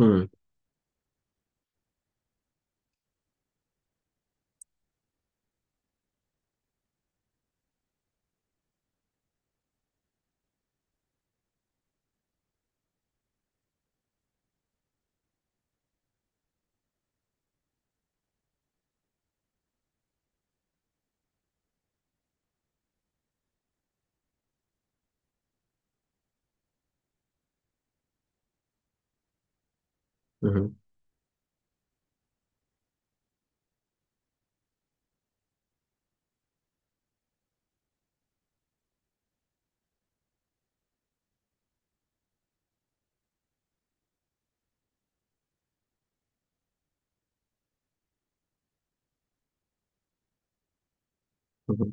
Hı hı. Hı hı.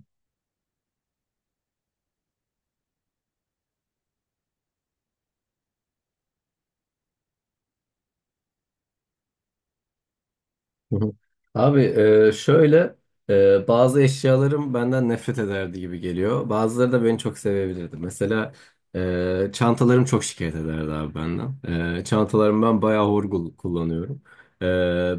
Hı hı. Abi şöyle bazı eşyalarım benden nefret ederdi gibi geliyor. Bazıları da beni çok sevebilirdi. Mesela çantalarım çok şikayet ederdi abi benden. Çantalarımı ben bayağı hor kullanıyorum. E,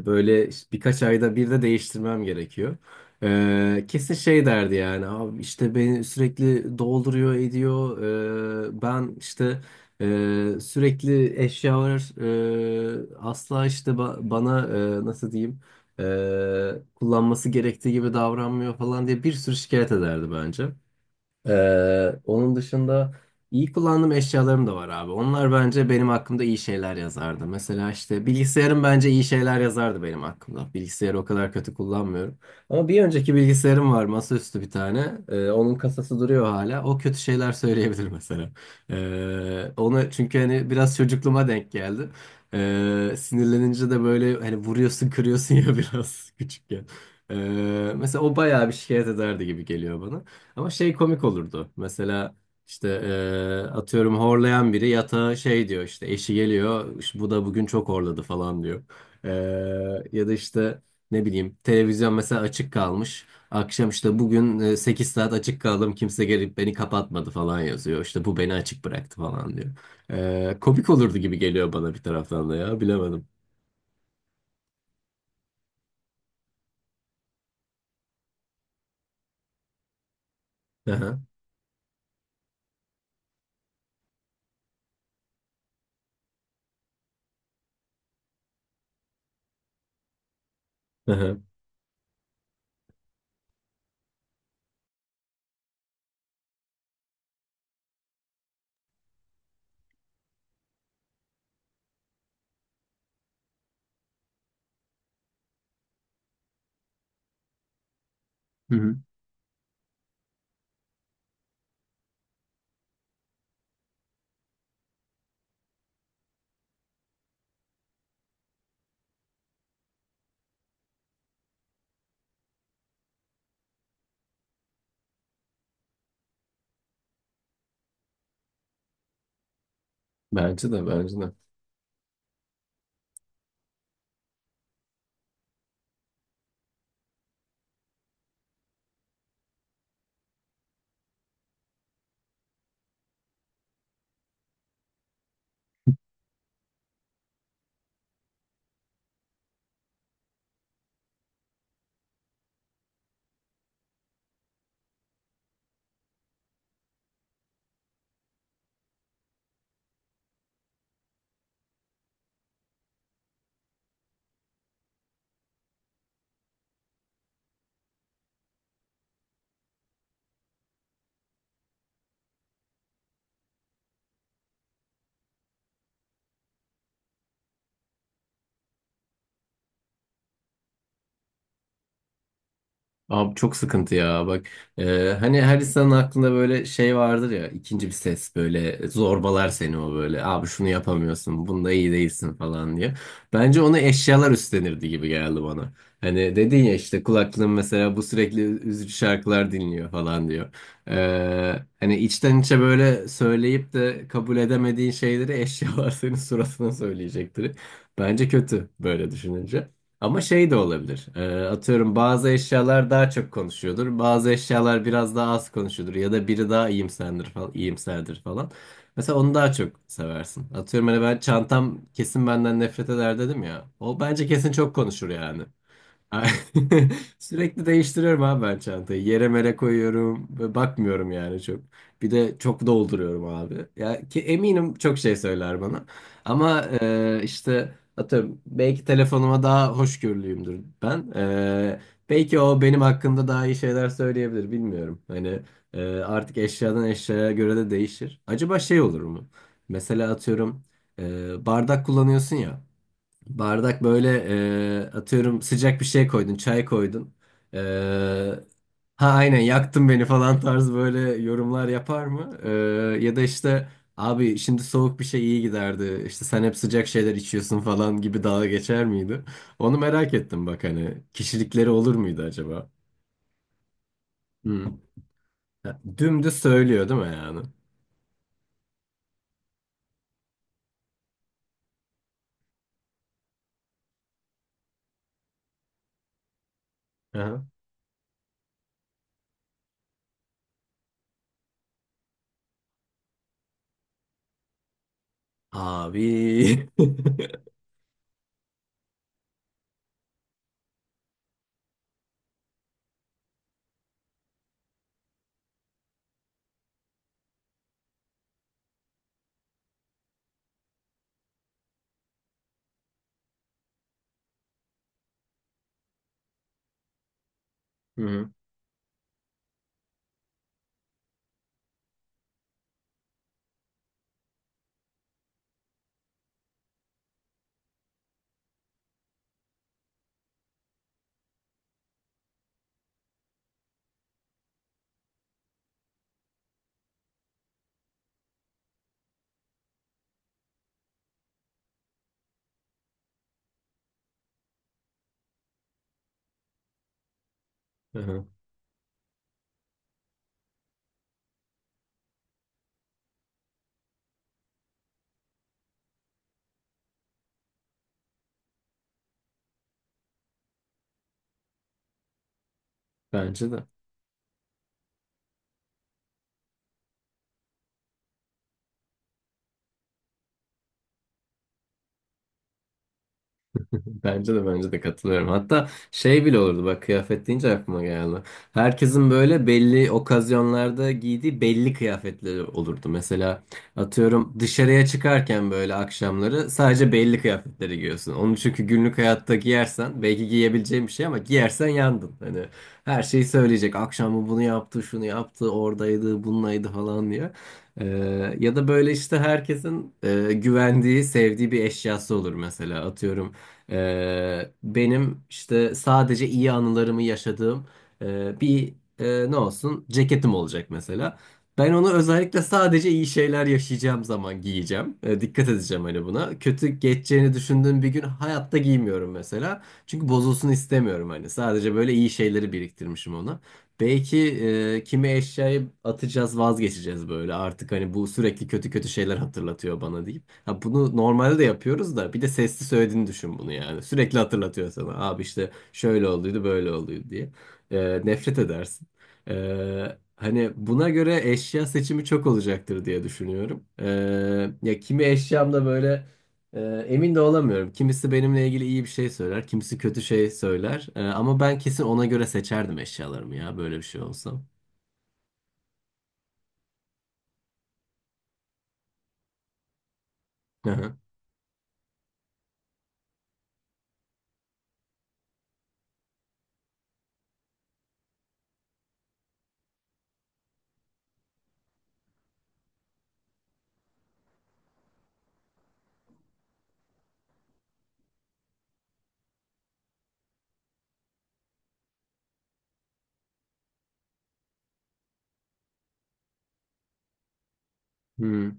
böyle işte birkaç ayda bir de değiştirmem gerekiyor. Kesin şey derdi yani abi işte beni sürekli dolduruyor ediyor. Ben işte sürekli eşyalar asla işte bana nasıl diyeyim kullanması gerektiği gibi davranmıyor falan diye bir sürü şikayet ederdi bence. Onun dışında iyi kullandığım eşyalarım da var abi. Onlar bence benim hakkımda iyi şeyler yazardı. Mesela işte bilgisayarım bence iyi şeyler yazardı benim hakkımda. Bilgisayarı o kadar kötü kullanmıyorum. Ama bir önceki bilgisayarım var, masaüstü bir tane. Onun kasası duruyor hala. O kötü şeyler söyleyebilir mesela. Onu çünkü hani biraz çocukluğuma denk geldi. Sinirlenince de böyle hani vuruyorsun, kırıyorsun ya biraz küçükken. Ee, mesela o bayağı bir şikayet ederdi gibi geliyor bana. Ama şey komik olurdu. Mesela işte atıyorum horlayan biri yatağa şey diyor işte eşi geliyor "İşte bu da bugün çok horladı falan diyor. Ya da işte ne bileyim televizyon mesela açık kalmış. Akşam işte bugün 8 saat açık kaldım kimse gelip beni kapatmadı falan yazıyor. İşte bu beni açık bıraktı falan diyor. Komik olurdu gibi geliyor bana bir taraftan da ya bilemedim. Aha, aha. Hı hı. Bence de bence de. Abi çok sıkıntı ya bak hani her insanın aklında böyle şey vardır ya ikinci bir ses böyle zorbalar seni o böyle abi şunu yapamıyorsun bunda iyi değilsin falan diye. Bence onu eşyalar üstlenirdi gibi geldi bana. Hani dedin ya işte kulaklığın mesela bu sürekli üzücü şarkılar dinliyor falan diyor. Hani içten içe böyle söyleyip de kabul edemediğin şeyleri eşyalar senin suratına söyleyecektir. Bence kötü böyle düşününce. Ama şey de olabilir. Atıyorum bazı eşyalar daha çok konuşuyordur. Bazı eşyalar biraz daha az konuşuyordur. Ya da biri daha iyimserdir falan, iyimserdir falan. Mesela onu daha çok seversin. Atıyorum hani ben çantam kesin benden nefret eder dedim ya. O bence kesin çok konuşur yani. Sürekli değiştiriyorum abi ben çantayı. Yere mere koyuyorum ve bakmıyorum yani çok. Bir de çok dolduruyorum abi. Ya ki eminim çok şey söyler bana. Ama işte atıyorum belki telefonuma daha hoşgörülüyümdür ben. Belki o benim hakkımda daha iyi şeyler söyleyebilir bilmiyorum. Hani artık eşyadan eşyaya göre de değişir. Acaba şey olur mu? Mesela atıyorum bardak kullanıyorsun ya. Bardak böyle atıyorum sıcak bir şey koydun, çay koydun. E, ha aynen yaktın beni falan tarzı böyle yorumlar yapar mı? Ya da işte abi şimdi soğuk bir şey iyi giderdi. İşte sen hep sıcak şeyler içiyorsun falan gibi dalga geçer miydi? Onu merak ettim bak hani kişilikleri olur muydu acaba? Hı. Ha, dümdüz söylüyor değil mi yani? Aha. Abi. Hı hı. Hı hı. Bence de. Bence de bence de katılıyorum. Hatta şey bile olurdu bak kıyafet deyince aklıma geldi. Herkesin böyle belli okazyonlarda giydiği belli kıyafetleri olurdu. Mesela atıyorum dışarıya çıkarken böyle akşamları sadece belli kıyafetleri giyiyorsun. Onu çünkü günlük hayatta giyersen belki giyebileceğin bir şey ama giyersen yandın. Hani her şeyi söyleyecek. Akşam bu bunu yaptı, şunu yaptı, oradaydı, bununlaydı falan diye. Ee, ya da böyle işte herkesin güvendiği, sevdiği bir eşyası olur mesela. Atıyorum benim işte sadece iyi anılarımı yaşadığım bir ne olsun ceketim olacak mesela. Ben onu özellikle sadece iyi şeyler yaşayacağım zaman giyeceğim. Dikkat edeceğim hani buna. Kötü geçeceğini düşündüğüm bir gün hayatta giymiyorum mesela. Çünkü bozulsun istemiyorum hani. Sadece böyle iyi şeyleri biriktirmişim ona. Belki kimi eşyayı atacağız, vazgeçeceğiz böyle artık hani bu sürekli kötü kötü şeyler hatırlatıyor bana deyip. Ha bunu normalde de yapıyoruz da bir de sesli söylediğini düşün bunu yani. Sürekli hatırlatıyor sana. Abi işte şöyle olduydu, böyle olduydu diye. Nefret edersin. Hani buna göre eşya seçimi çok olacaktır diye düşünüyorum. Ya kimi eşyamda böyle ee, emin de olamıyorum. Kimisi benimle ilgili iyi bir şey söyler, kimisi kötü şey söyler. Ama ben kesin ona göre seçerdim eşyalarımı ya böyle bir şey olsa. Hı hı. Hı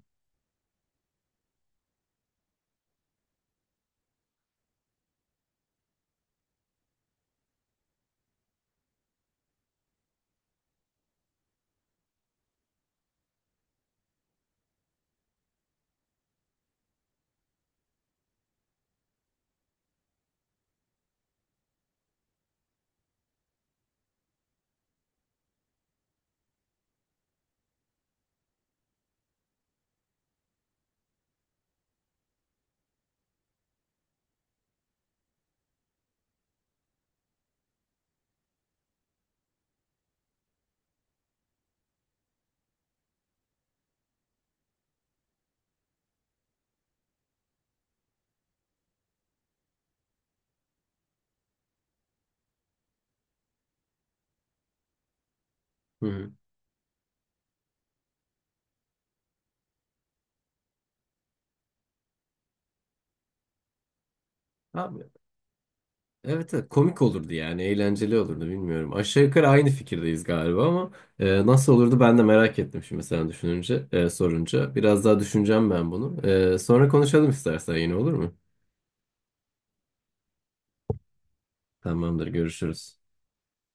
hı. Abi, evet, evet komik olurdu yani eğlenceli olurdu bilmiyorum. Aşağı yukarı aynı fikirdeyiz galiba ama nasıl olurdu ben de merak ettim şimdi sen düşününce sorunca. Biraz daha düşüneceğim ben bunu. Sonra konuşalım istersen yine olur mu? Tamamdır görüşürüz.